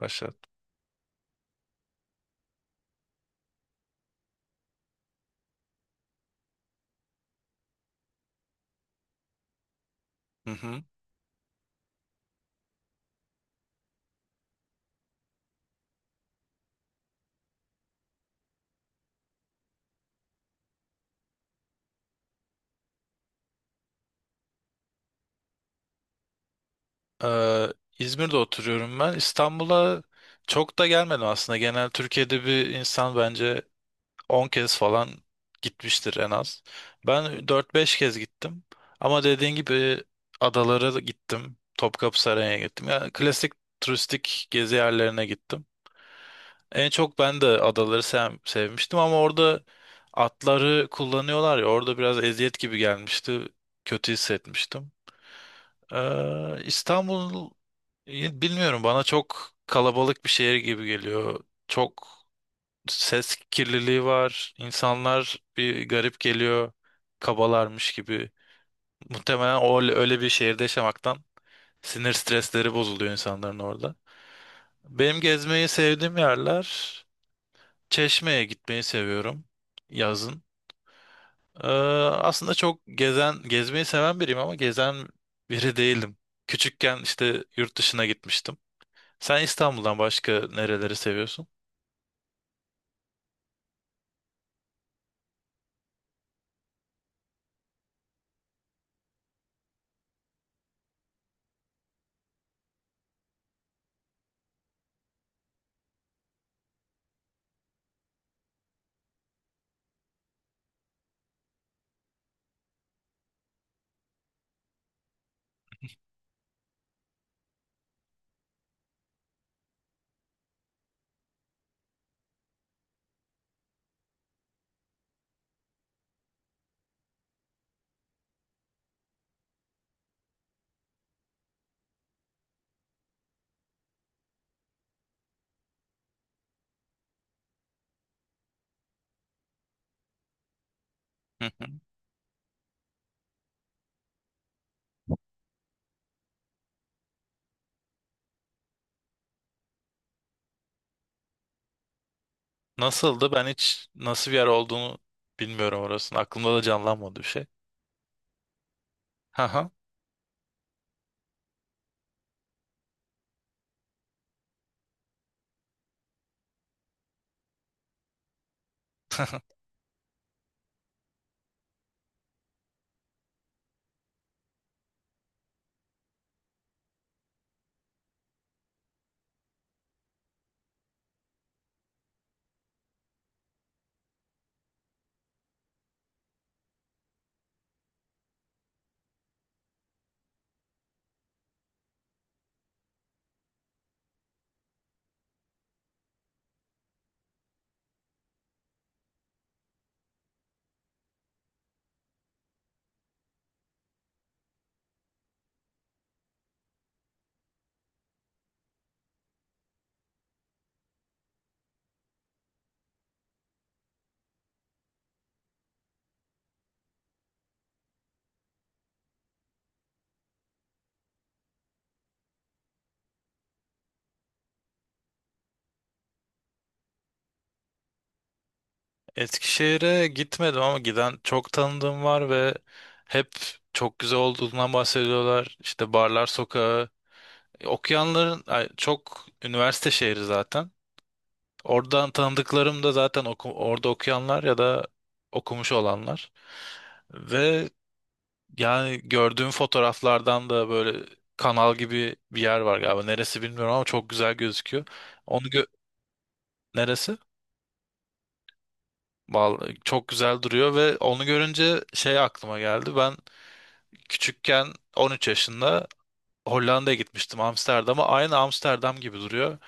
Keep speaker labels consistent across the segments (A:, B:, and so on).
A: Başlat. Hı hı. İzmir'de oturuyorum ben. İstanbul'a çok da gelmedim aslında. Genel Türkiye'de bir insan bence 10 kez falan gitmiştir en az. Ben 4-5 kez gittim. Ama dediğin gibi adalara da gittim. Topkapı Sarayı'na gittim. Yani klasik turistik gezi yerlerine gittim. En çok ben de adaları sevmiştim ama orada atları kullanıyorlar ya orada biraz eziyet gibi gelmişti. Kötü hissetmiştim. İstanbul bilmiyorum bana çok kalabalık bir şehir gibi geliyor. Çok ses kirliliği var. İnsanlar bir garip geliyor. Kabalarmış gibi. Muhtemelen o öyle bir şehirde yaşamaktan sinir stresleri bozuluyor insanların orada. Benim gezmeyi sevdiğim yerler, Çeşme'ye gitmeyi seviyorum yazın. Ee, aslında çok gezen gezmeyi seven biriyim ama gezen biri değilim. Küçükken işte yurt dışına gitmiştim. Sen İstanbul'dan başka nereleri seviyorsun? Hı hı. Nasıldı? Ben hiç nasıl bir yer olduğunu bilmiyorum orasının. Aklımda da canlanmadı bir şey. Haha. Eskişehir'e gitmedim ama giden çok tanıdığım var ve hep çok güzel olduğundan bahsediyorlar. İşte Barlar Sokağı, okuyanların ay, çok üniversite şehri zaten. Oradan tanıdıklarım da zaten orada okuyanlar ya da okumuş olanlar. Ve yani gördüğüm fotoğraflardan da böyle kanal gibi bir yer var galiba. Neresi bilmiyorum ama çok güzel gözüküyor. Onu gö- neresi? Vallahi çok güzel duruyor ve onu görünce şey aklıma geldi. Ben küçükken 13 yaşında Hollanda'ya gitmiştim, Amsterdam'a. Aynı Amsterdam gibi duruyor.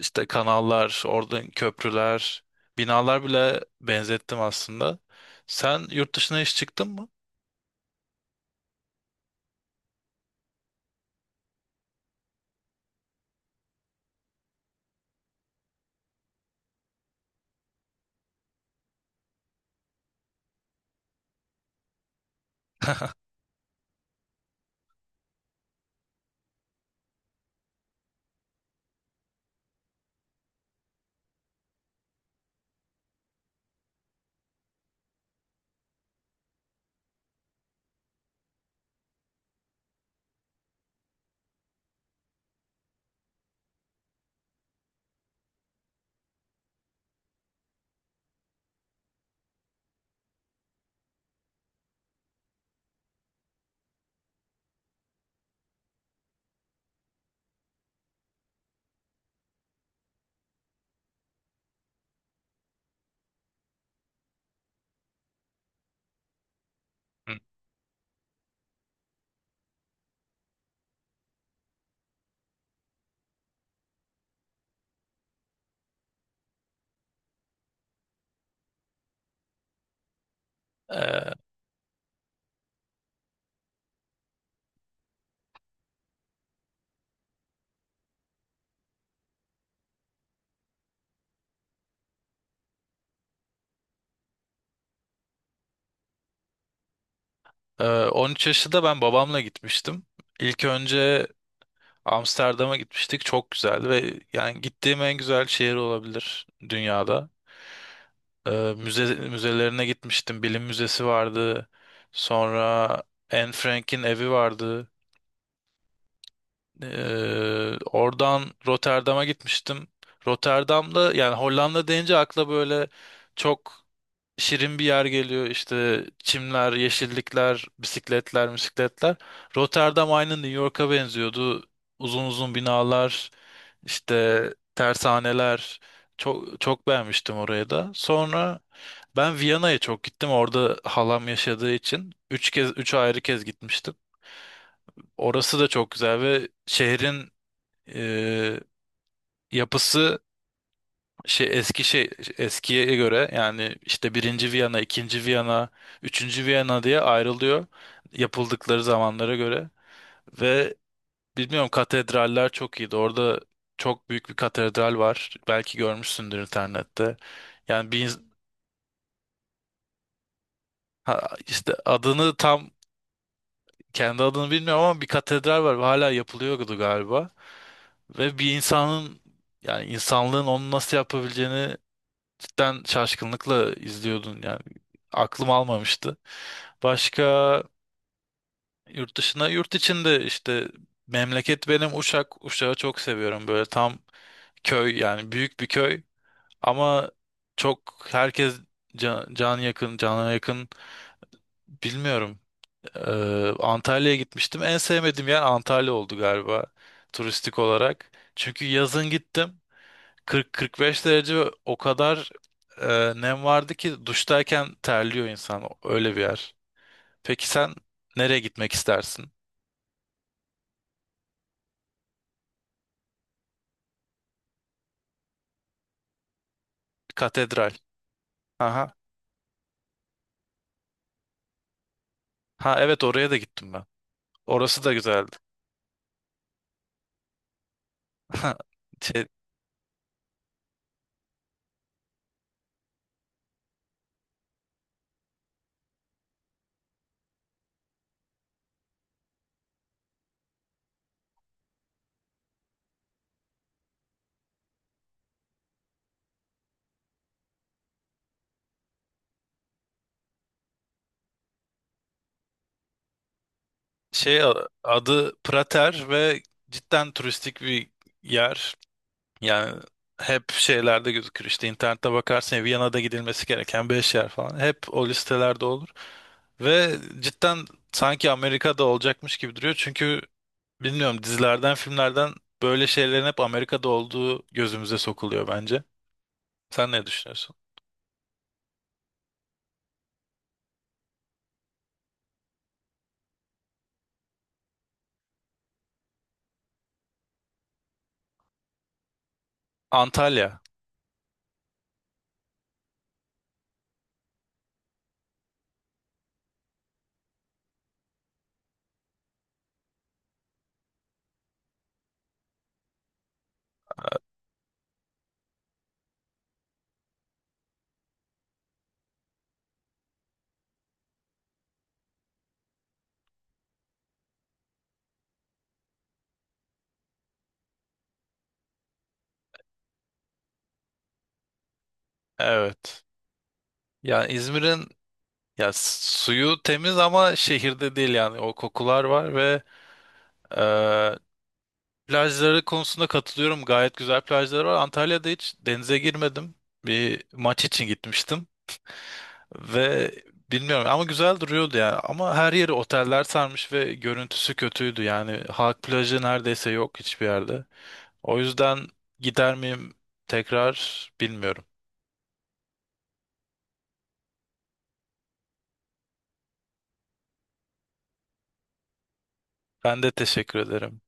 A: İşte kanallar, oradan köprüler, binalar bile benzettim aslında. Sen yurt dışına hiç çıktın mı? Hı. Ee, 13 yaşında ben babamla gitmiştim. İlk önce Amsterdam'a gitmiştik. Çok güzeldi ve yani gittiğim en güzel şehir olabilir dünyada. Ee, müzelerine gitmiştim. Bilim Müzesi vardı. Sonra Anne Frank'in evi vardı. Oradan Rotterdam'a gitmiştim. Rotterdam'da, yani Hollanda deyince akla böyle çok şirin bir yer geliyor. İşte çimler, yeşillikler, bisikletler, bisikletler. Rotterdam aynı New York'a benziyordu. Uzun uzun binalar, işte tersaneler. Çok çok beğenmiştim orayı da. Sonra ben Viyana'ya çok gittim. Orada halam yaşadığı için üç kez, üç ayrı kez gitmiştim. Orası da çok güzel ve şehrin ee, yapısı şey eski şey eskiye göre, yani işte birinci Viyana, ikinci Viyana, üçüncü Viyana diye ayrılıyor yapıldıkları zamanlara göre ve bilmiyorum katedraller çok iyiydi. Orada çok büyük bir katedral var. Belki görmüşsündür internette. Yani bir ins- ha, işte adını tam kendi adını bilmiyorum ama bir katedral var ve hala yapılıyordu galiba. Ve bir insanın, yani insanlığın onu nasıl yapabileceğini cidden şaşkınlıkla izliyordun yani. Aklım almamıştı. Başka yurt dışına, yurt içinde işte, memleket benim Uşak. Uşak'ı çok seviyorum. Böyle tam köy, yani büyük bir köy ama çok herkes can yakın, cana yakın, bilmiyorum. Ee, Antalya'ya gitmiştim. En sevmediğim yer Antalya oldu galiba turistik olarak. Çünkü yazın gittim. 40-45 derece ve o kadar e, nem vardı ki duştayken terliyor insan. Öyle bir yer. Peki sen nereye gitmek istersin? Katedral. Aha. Ha evet, oraya da gittim ben. Orası da güzeldi. Şey, adı Prater ve cidden turistik bir yer. Yani hep şeylerde gözükür, işte internette bakarsın Viyana'da gidilmesi gereken 5 yer falan. Hep o listelerde olur. Ve cidden sanki Amerika'da olacakmış gibi duruyor. Çünkü bilmiyorum, dizilerden, filmlerden böyle şeylerin hep Amerika'da olduğu gözümüze sokuluyor bence. Sen ne düşünüyorsun? Antalya. Evet. Yani İzmir'in ya s- suyu temiz ama şehirde değil, yani o kokular var ve e, plajları konusunda katılıyorum. Gayet güzel plajları var. Antalya'da hiç denize girmedim. Bir maç için gitmiştim ve bilmiyorum ama güzel duruyordu yani. Ama her yeri oteller sarmış ve görüntüsü kötüydü. Yani halk plajı neredeyse yok hiçbir yerde. O yüzden gider miyim tekrar bilmiyorum. Ben de teşekkür ederim.